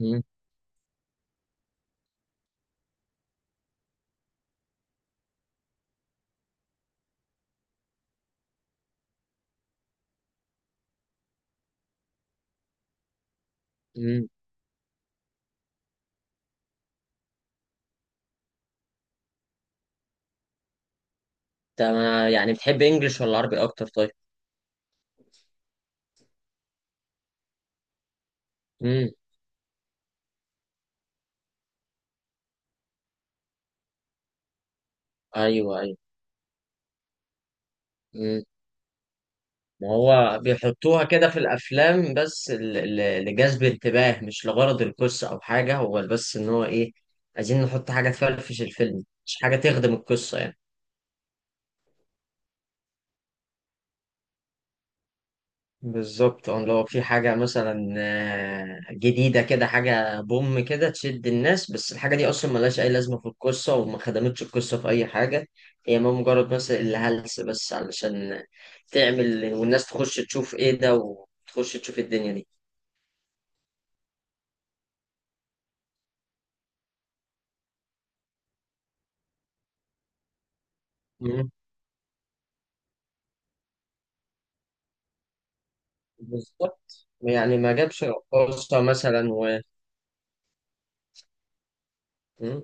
مم. مم. ده يعني بتحب انجلش ولا عربي اكتر، طيب؟ امم. ايوه ايوه. امم. ما هو بيحطوها كده في الافلام، بس لجذب انتباه، مش لغرض القصه او حاجه. هو بس ان هو ايه، عايزين نحط حاجه تفرفش الفيلم مش حاجه تخدم القصه يعني. بالظبط، اه، لو في حاجة مثلا جديدة كده، حاجة بوم كده تشد الناس، بس الحاجة دي أصلا ملهاش أي لازمة في القصة وما خدمتش القصة في أي حاجة. هي ما مجرد مثلا اللي هلس، بس علشان تعمل والناس تخش تشوف إيه ده وتخش تشوف الدنيا دي. مم. بالظبط، يعني ما جابش رقاصة مثلا و... مم.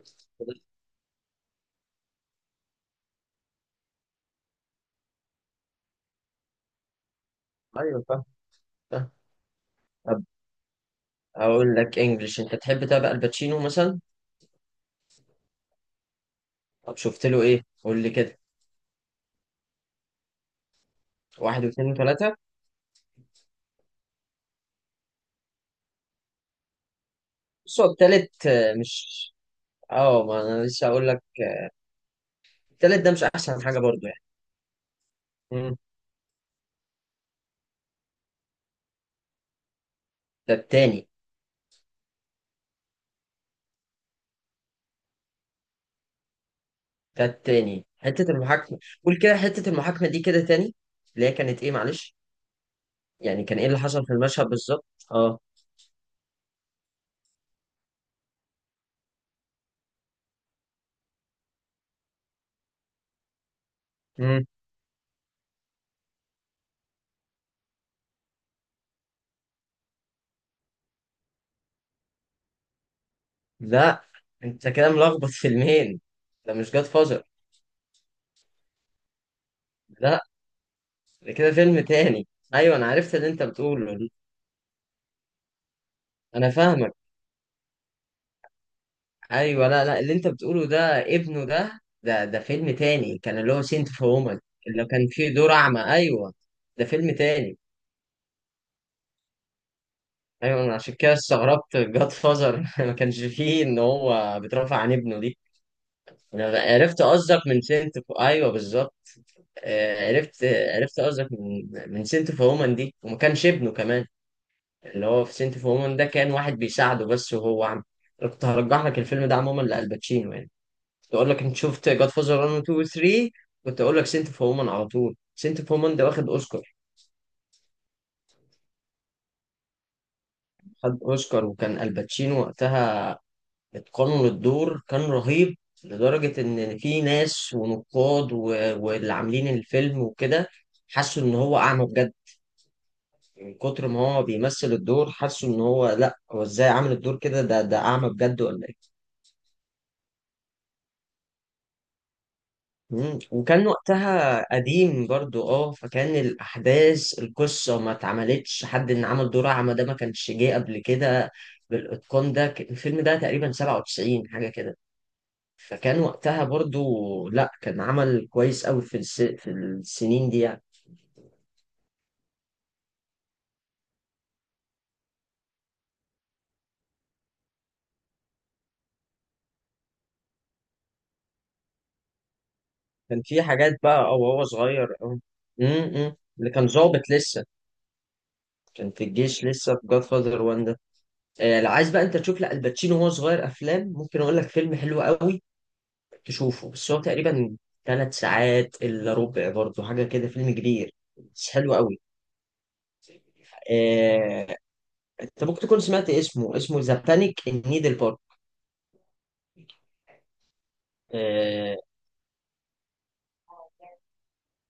أيوة فاهم. فاهم. طب أقول لك إنجلش. أنت تحب تابع الباتشينو مثلا؟ طب شفت له إيه؟ قول لي كده. واحد واثنين وثلاثة. بص، هو التالت مش... اه ما انا لسه هقول لك. التالت ده مش احسن حاجه برضو يعني. مم. ده التاني. ده التاني، حته المحاكمه. قول كده، حته المحاكمه دي كده تاني. اللي هي كانت ايه، معلش؟ يعني كان ايه اللي حصل في المشهد بالظبط؟ اه. مم. لا، انت كده ملخبط فيلمين. ده مش جاد فازر. لا، ده كده فيلم تاني. ايوه انا عرفت اللي انت بتقوله. انا فاهمك. ايوه، لا لا، اللي انت بتقوله ده ابنه، ده فيلم تاني، كان اللي هو سنت في وومن. اللي كان فيه دور اعمى، ايوه. ده فيلم تاني. ايوه، انا عشان كده استغربت جاد فازر ما كانش فيه ان هو بيترافع عن ابنه دي. انا عرفت قصدك من سنت في... ايوه بالظبط. عرفت قصدك من سنت في وومن دي، وما كانش ابنه كمان. اللي هو في سنت في وومن ده كان واحد بيساعده بس، وهو عم... كنت هرجح لك الفيلم ده عموما لألباتشينو يعني. تقول لك انت شفت جاد فازر 1 و 2 و 3، كنت اقول لك سنت اوف وومن على طول. سنت اوف وومن ده واخد اوسكار. خد اوسكار، وكان الباتشينو وقتها اتقنوا للدور، كان رهيب، لدرجة ان في ناس ونقاد واللي عاملين الفيلم وكده حسوا ان هو اعمى بجد، من كتر ما هو بيمثل الدور. حسوا ان هو، لا، هو ازاي عامل الدور كده؟ ده اعمى بجد ولا... مم. وكان وقتها قديم برضو، اه، فكان الأحداث، القصة ما اتعملتش، حد إن عمل دور أعمى ده ما كانش جه قبل كده بالإتقان ده. الفيلم ده تقريبا 97 حاجة كده، فكان وقتها برضو، لا، كان عمل كويس أوي في في السنين دي يعني. كان في حاجات بقى، أو هو صغير أو... امم. اللي كان ظابط لسه، كان في الجيش لسه في جاد فاذر 1 ده. لو عايز بقى انت تشوف لا الباتشينو وهو صغير، افلام، ممكن اقول لك فيلم حلو قوي تشوفه. بس هو تقريبا ثلاث ساعات الا ربع برضه حاجه كده، فيلم كبير، بس حلو قوي. آه، انت ممكن تكون سمعت اسمه ذا بانيك ان نيدل بارك.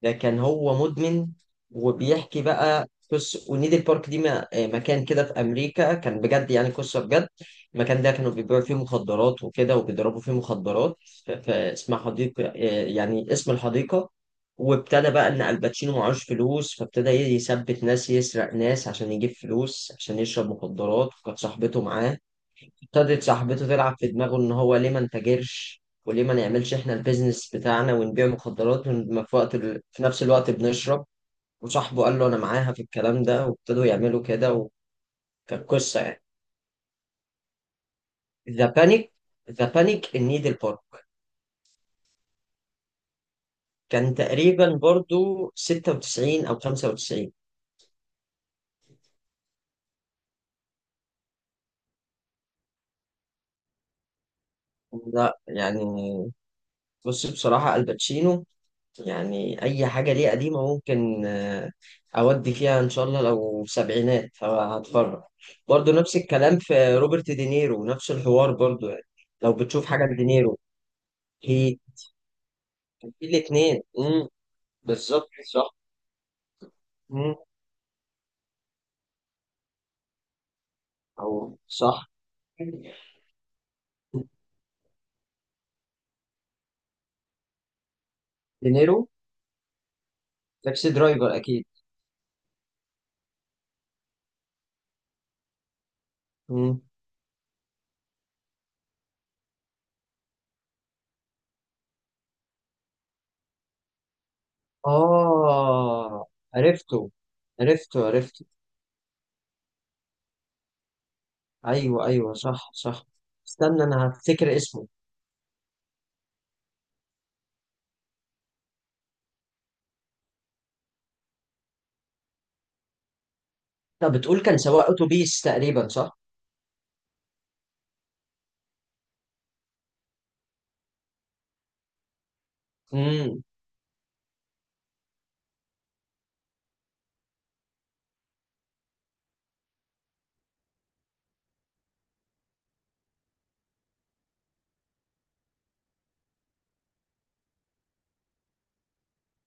ده كان هو مدمن، وبيحكي بقى قصة. ونيدل بارك دي مكان كده في أمريكا، كان بجد يعني، قصة بجد. المكان ده كانوا بيبيعوا فيه مخدرات وكده، وبيضربوا فيه مخدرات. فاسمها حديقة، يعني اسم الحديقة. وابتدى بقى إن الباتشينو معهوش فلوس، فابتدى يثبت ناس، يسرق ناس عشان يجيب فلوس عشان يشرب مخدرات، وكانت صاحبته معاه. ابتدت صاحبته تلعب في دماغه ان هو ليه ما نتاجرش، وليه ما نعملش احنا البيزنس بتاعنا ونبيع مخدرات، في وقت في نفس الوقت بنشرب. وصاحبه قال له انا معاها في الكلام ده، وابتدوا يعملوا كده. وكانت قصه يعني. ذا بانيك. ذا بانيك ان نيدل بارك. كان تقريبا برضو 96 او 95. لا يعني، بص، بصراحه الباتشينو، يعني أي حاجة ليه قديمة ممكن أودي فيها إن شاء الله. لو سبعينات فهتفرج. برضه نفس الكلام في روبرت دينيرو، نفس الحوار برضه يعني. لو بتشوف حاجة لدينيرو. هي في الاتنين بالظبط صح. مم، أو صح. دينيرو، تاكسي درايفر أكيد. مم. آه عرفته. عرفته. أيوه أيوه، صح صح. استنى أنا هفتكر اسمه. طب بتقول كان سواق أتوبيس تقريبا، صح؟ امم،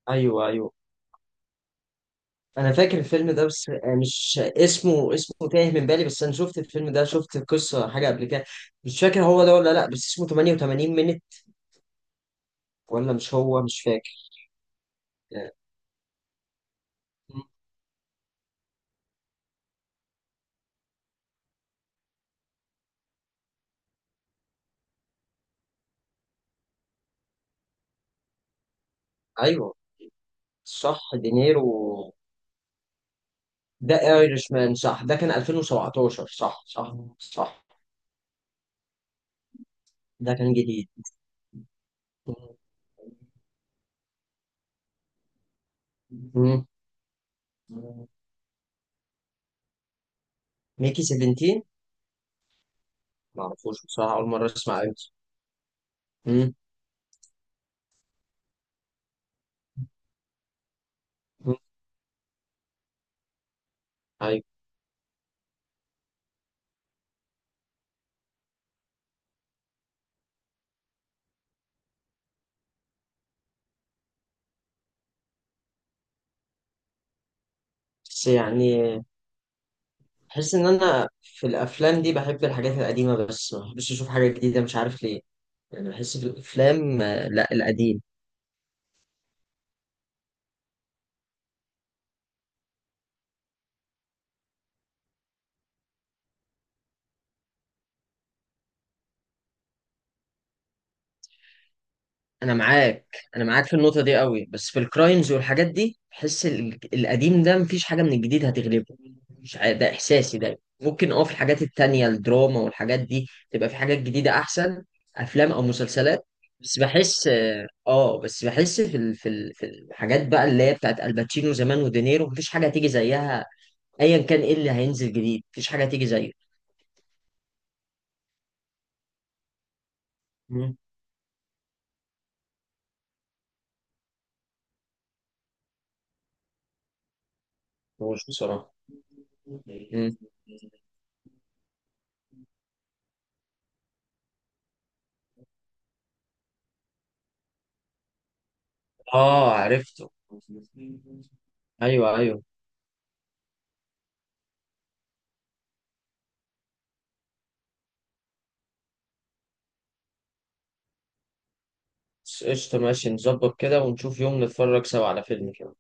ايوه ايوه. انا فاكر الفيلم ده، بس مش اسمه تايه من بالي. بس انا شفت الفيلم ده، شفت القصه حاجه قبل كده. مش فاكر هو ده ولا لا، بس اسمه 88 مينت، ولا مش هو، مش فاكر. آه، مم. ايوه صح، دينيرو، ده ايرش مان صح، ده كان 2017، صح صح صح. ده كان جديد. مم. ميكي 17، ما اعرفوش بصراحه، اول مره اسمع عنه. مم. مم. ايوه. بس يعني بحس ان انا في الافلام دي بحب الحاجات القديمه، بس ما بحبش اشوف حاجه جديده، مش عارف ليه. يعني بحس في الافلام لا القديم. انا معاك. انا معاك في النقطه دي قوي، بس في الكرايمز والحاجات دي بحس القديم ده مفيش حاجه من الجديد هتغلبه. مش عارف، ده احساسي، ده ممكن اه في الحاجات التانية الدراما والحاجات دي تبقى في حاجات جديده احسن، افلام او مسلسلات. بس بحس في في في الحاجات بقى اللي هي بتاعت الباتشينو زمان ودينيرو، مفيش حاجه هتيجي زيها. ايا كان ايه اللي هينزل جديد، مفيش حاجه هتيجي زيه. مم. هو شو بصراحة. مم. اه عرفته. ايوه ايوه. بس قشطة، ماشي، نظبط كده ونشوف يوم نتفرج سوا على فيلم كده.